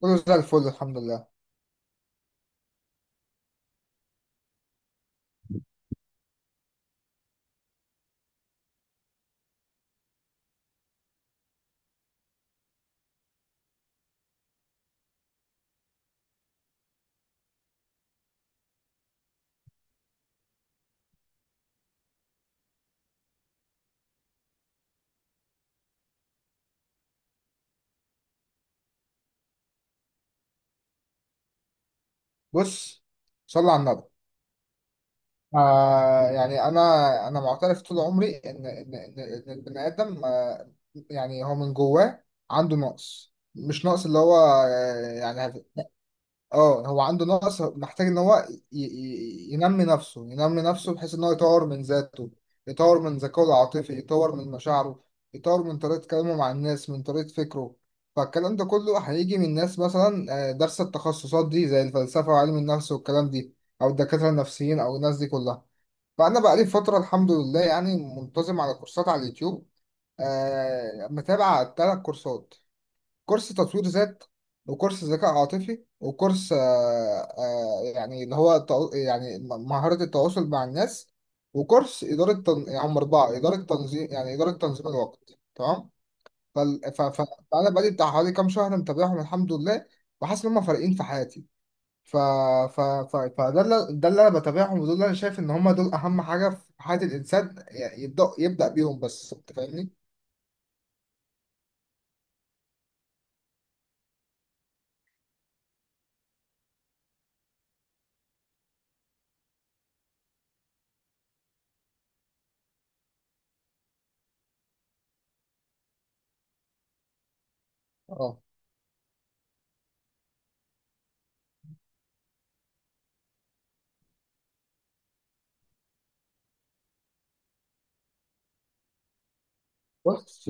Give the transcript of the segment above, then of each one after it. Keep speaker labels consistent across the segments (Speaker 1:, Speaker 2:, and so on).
Speaker 1: كله زي الفل، الحمد لله. بص، صلى على النبي. انا انا معترف طول عمري ان ان ان إن البني ادم هو من جواه عنده نقص، مش نقص اللي هو اه هو عنده نقص، محتاج ان هو ينمي نفسه، ينمي نفسه بحيث ان هو يطور من ذاته، يطور من ذكائه العاطفي، يطور من مشاعره، يطور من طريقة كلامه مع الناس، من طريقة فكره. فالكلام ده كله هيجي من ناس مثلا دارسة التخصصات دي زي الفلسفة وعلم النفس والكلام دي، او الدكاترة النفسيين، او الناس دي كلها. فانا بقالي فترة، الحمد لله، يعني منتظم على كورسات على اليوتيوب. متابع 3 كورسات: كورس تطوير ذات، وكورس ذكاء عاطفي، وكورس اللي هو مهارة التواصل مع الناس، وكورس إدارة يعني هم 4: إدارة تنظيم، يعني إدارة تنظيم الوقت، تمام. فال... ف... ف... فأنا بقالي بتاع حوالي كام شهر متابعهم، الحمد لله، وحاسس إن هم فارقين في حياتي. ف... ف... فده اللي أنا بتابعهم، ودول اللي أنا شايف إن هم دول أهم حاجة في حياة الإنسان، يبدأ بيهم. بس أنت فاهمني؟ اه، بس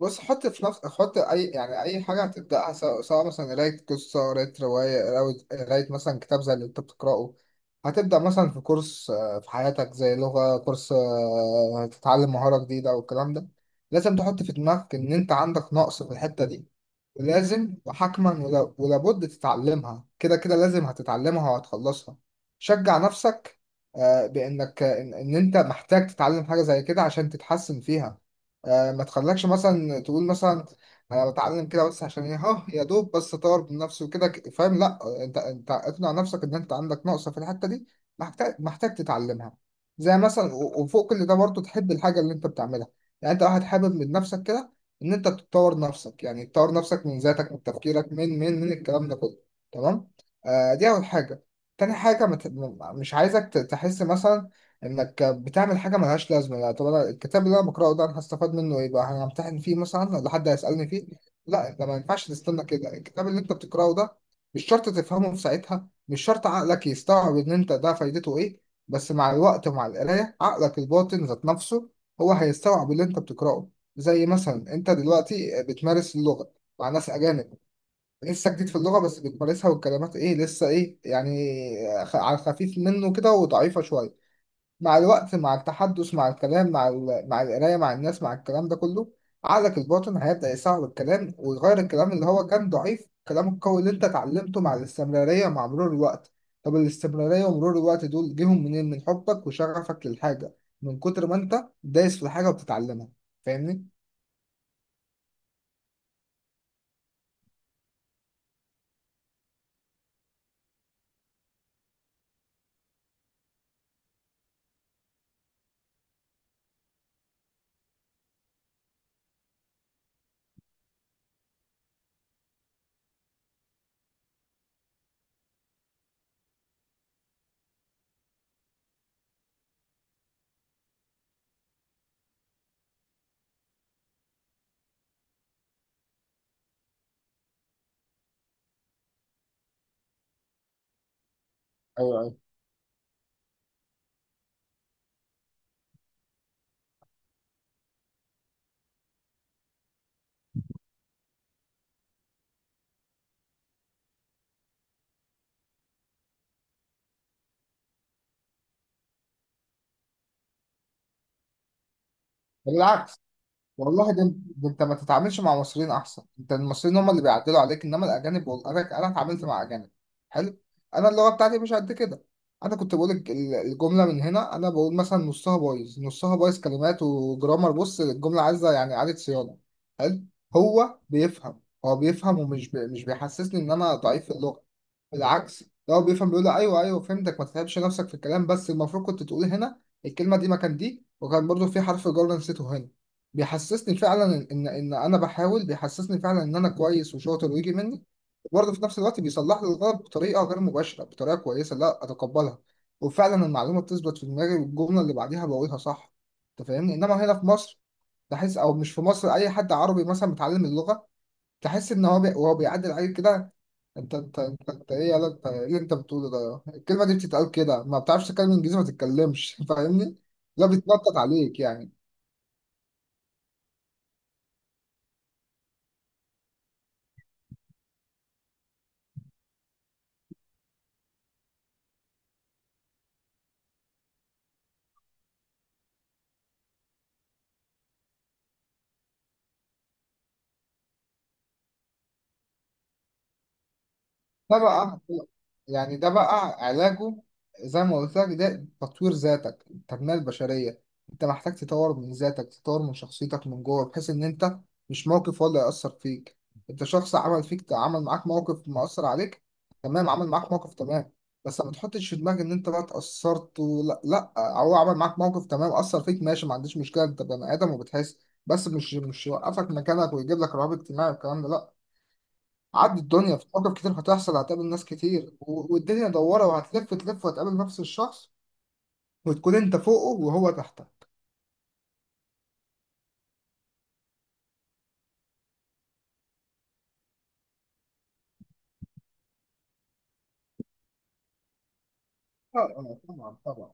Speaker 1: بص، حط في نفس حط اي حاجه هتبداها، سواء مثلا قرايه قصه، قرايه روايه، قراية مثلا كتاب زي اللي انت بتقراه، هتبدا مثلا في كورس في حياتك، زي لغه، كورس، هتتعلم مهاره جديده والكلام ده، لازم تحط في دماغك ان انت عندك نقص في الحته دي، ولازم وحتما ولابد تتعلمها، كده كده لازم هتتعلمها وهتخلصها. شجع نفسك بانك إن انت محتاج تتعلم حاجه زي كده عشان تتحسن فيها. ما تخليكش مثلا تقول مثلا: انا بتعلم كده بس عشان ايه، ها؟ يا دوب بس اطور من نفسي وكده، فاهم؟ لا، انت اقنع نفسك ان انت عندك نقصه في الحته دي، محتاج تتعلمها. زي مثلا، وفوق كل ده برضه تحب الحاجه اللي انت بتعملها، يعني انت واحد حابب من نفسك كده ان انت تطور نفسك، يعني تطور نفسك من ذاتك، من تفكيرك، من الكلام ده كله، تمام. دي اول حاجه. تاني حاجه: ما ت- ما- مش عايزك تحس مثلا انك بتعمل حاجه ملهاش لازمه، لا طب انا الكتاب اللي انا بقراه ده، انا هستفاد منه ايه بقى؟ انا همتحن فيه مثلا ولا حد هيسالني فيه؟ لا، انت ما ينفعش تستنى كده. الكتاب اللي انت بتقراه ده، مش شرط تفهمه في ساعتها، مش شرط عقلك يستوعب ان انت ده فايدته ايه، بس مع الوقت ومع القرايه، عقلك الباطن ذات نفسه هو هيستوعب اللي انت بتقراه. زي مثلا انت دلوقتي بتمارس اللغه مع ناس اجانب، لسه جديد في اللغه بس بتمارسها، والكلمات ايه لسه ايه يعني، على خفيف منه كده وضعيفه شويه. مع الوقت، مع التحدث، مع الكلام، مع القرايه، مع الناس، مع الكلام ده كله، عقلك الباطن هيبدا يصعب الكلام ويغير الكلام اللي هو كان ضعيف، الكلام القوي اللي انت اتعلمته، مع الاستمراريه مع مرور الوقت. طب الاستمراريه ومرور الوقت دول جيهم منين؟ من حبك وشغفك للحاجه، من كتر ما انت دايس في الحاجه وبتتعلمها. فاهمني؟ ايوه، بالعكس، والله ده انت ما تتعاملش مع مصريين احسن، انت، المصريين هم اللي بيعدلوا عليك، انما الاجانب انا اتعاملت مع اجانب. حلو، انا اللغه بتاعتي مش قد كده، انا كنت بقول الجمله من هنا، انا بقول مثلا نصها بايظ، نصها بايظ كلمات وجرامر، بص الجمله عايزه يعني اعاده صيانه. حلو، هو بيفهم، هو بيفهم، مش بيحسسني ان انا ضعيف في اللغه، بالعكس، ده هو بيفهم، بيقول لي: ايوه، ايوه فهمتك، ما تتعبش نفسك في الكلام، بس المفروض كنت تقول هنا الكلمه دي مكان دي، وكان برضو في حرف جر نسيته هنا. بيحسسني فعلا ان انا بحاول، بيحسسني فعلا ان انا كويس وشاطر ويجي مني، وبرضه في نفس الوقت بيصلح لي الغلط بطريقه غير مباشره، بطريقه كويسه لا اتقبلها، وفعلا المعلومه بتثبت في دماغي والجمله اللي بعديها بقولها صح. انت فاهمني؟ انما هنا في مصر تحس، او مش في مصر، اي حد عربي مثلا متعلم اللغه، تحس ان هو وهو بيعدل عليك كده، انت ايه يلا، انت ايه اللي انت بتقوله ده، الكلمه دي بتتقال كده، ما بتعرفش تتكلم انجليزي ما تتكلمش فاهمني؟ لا، بيتنطط عليك يعني. ده بقى ده بقى علاجه، زي ما قلت لك، ده تطوير ذاتك، التنمية البشرية. انت محتاج تطور من ذاتك، تطور من شخصيتك من جوه، بحيث ان انت مش موقف هو اللي يأثر فيك. انت شخص، عمل فيك، عمل معاك موقف مأثر عليك، تمام، عمل معاك موقف، تمام. بس ما تحطش في دماغك ان انت بقى اتأثرت، ولا لا لا، هو عمل معاك موقف، تمام، أثر فيك ماشي، ما عنديش مشكلة، انت بني آدم وبتحس، بس مش يوقفك مكانك ويجيب لك رهاب اجتماعي والكلام ده، لا. عدي، الدنيا في مواقف كتير هتحصل، هتقابل ناس كتير، والدنيا دوارة وهتلف تلف، وهتقابل نفس الشخص وتكون انت فوقه وهو تحتك. اه، اه، طبعا، طبعا.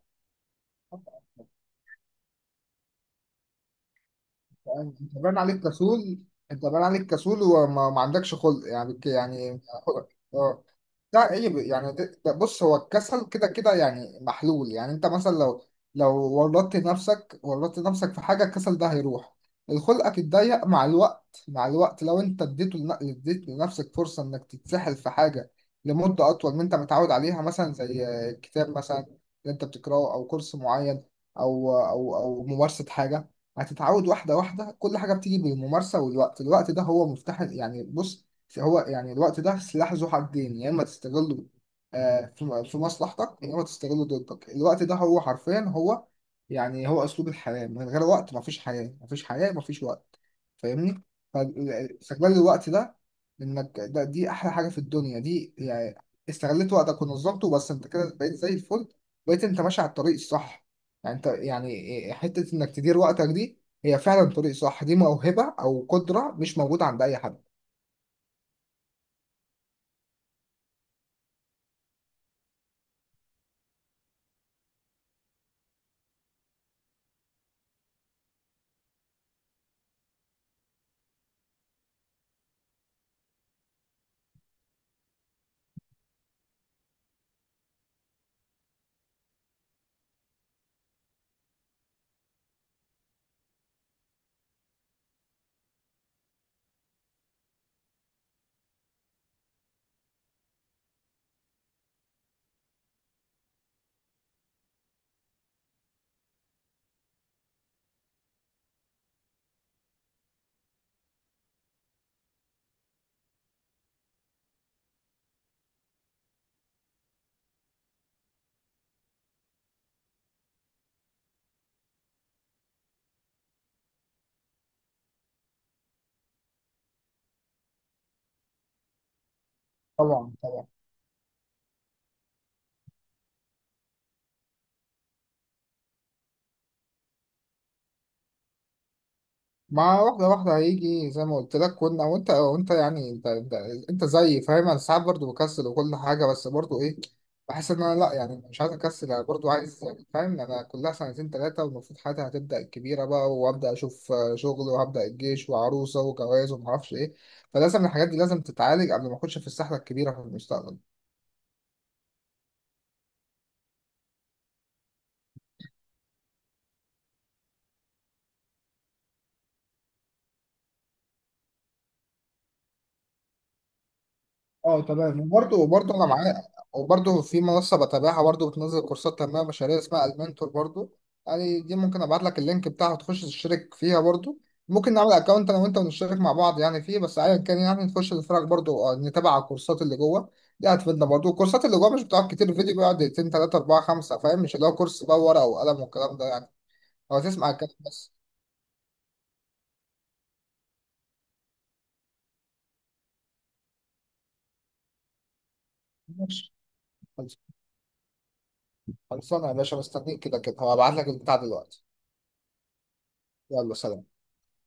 Speaker 1: انت باين عليك كسول، انت باين عليك كسول وما ما عندكش خلق يعني، خلق. اه، ده عيب يعني، ده ده بص، هو الكسل كده كده يعني محلول، يعني انت مثلا لو ورطت نفسك، ورطت نفسك في حاجه، الكسل ده هيروح، الخلقك اتضيق مع الوقت، مع الوقت لو انت اديته لن- اديت لنفسك فرصه انك تتسحل في حاجه لمده اطول من انت متعود عليها، مثلا زي كتاب مثلا اللي انت بتقراه، او كورس معين، او ممارسه حاجه، هتتعود واحدة واحدة، كل حاجة بتيجي بالممارسة والوقت. الوقت ده هو مفتاح، يعني بص، هو يعني الوقت ده سلاح ذو حدين، يا إما تستغله في مصلحتك، يا إما تستغله ضدك. الوقت ده هو حرفيا هو أسلوب الحياة، من غير وقت مفيش حياة، مفيش حياة مفيش وقت. فاهمني؟ فاستغلال الوقت ده، إنك ده دي أحلى حاجة في الدنيا دي، يعني استغلت وقتك ونظمته بس، أنت كده بقيت زي الفل، بقيت أنت ماشي على الطريق الصح. يعني انت، يعني حتة انك تدير وقتك دي، هي فعلا طريق صح، دي موهبة او قدرة مش موجودة عند اي حد. طبعا، طبعا، مع واحدة واحدة هيجي زي ما قلت لك. كنا وانت يعني انت زي، فاهم، انا ساعات برضه بكسل وكل حاجة، بس برضه ايه، بحس ان انا لا، يعني مش عايز اكسل، انا برضه عايز، فاهم، انا كلها سنتين ثلاثة والمفروض حياتي هتبدأ الكبيرة بقى، وابدأ اشوف شغل وهبدأ الجيش وعروسة وجواز ومعرفش ايه، فلازم الحاجات دي لازم تتعالج قبل ما اخش في السحلة الكبيرة في المستقبل. اه تمام، وبرضه انا معايا، وبرضه في منصه بتابعها برضه، بتنزل كورسات تنميه بشريه اسمها المنتور برضه، يعني دي ممكن ابعت لك اللينك بتاعها تخش تشترك فيها برضه، ممكن نعمل اكونت انا وانت ونشترك مع بعض يعني فيه، بس ايا كان يعني نخش نتفرج برضه، نتابع على الكورسات اللي جوه، دي هتفيدنا برضه. الكورسات اللي جوه مش بتقعد كتير، الفيديو بيقعد دقيقتين 3 4 5، فاهم، مش اللي هو كورس بقى ورقه وقلم والكلام ده يعني، هو تسمع الكلام بس. ماشي. خلص- خلصانه يا باشا، مستنيك كده كده، هبعت لك البتاع دلوقتي. يلا، سلام.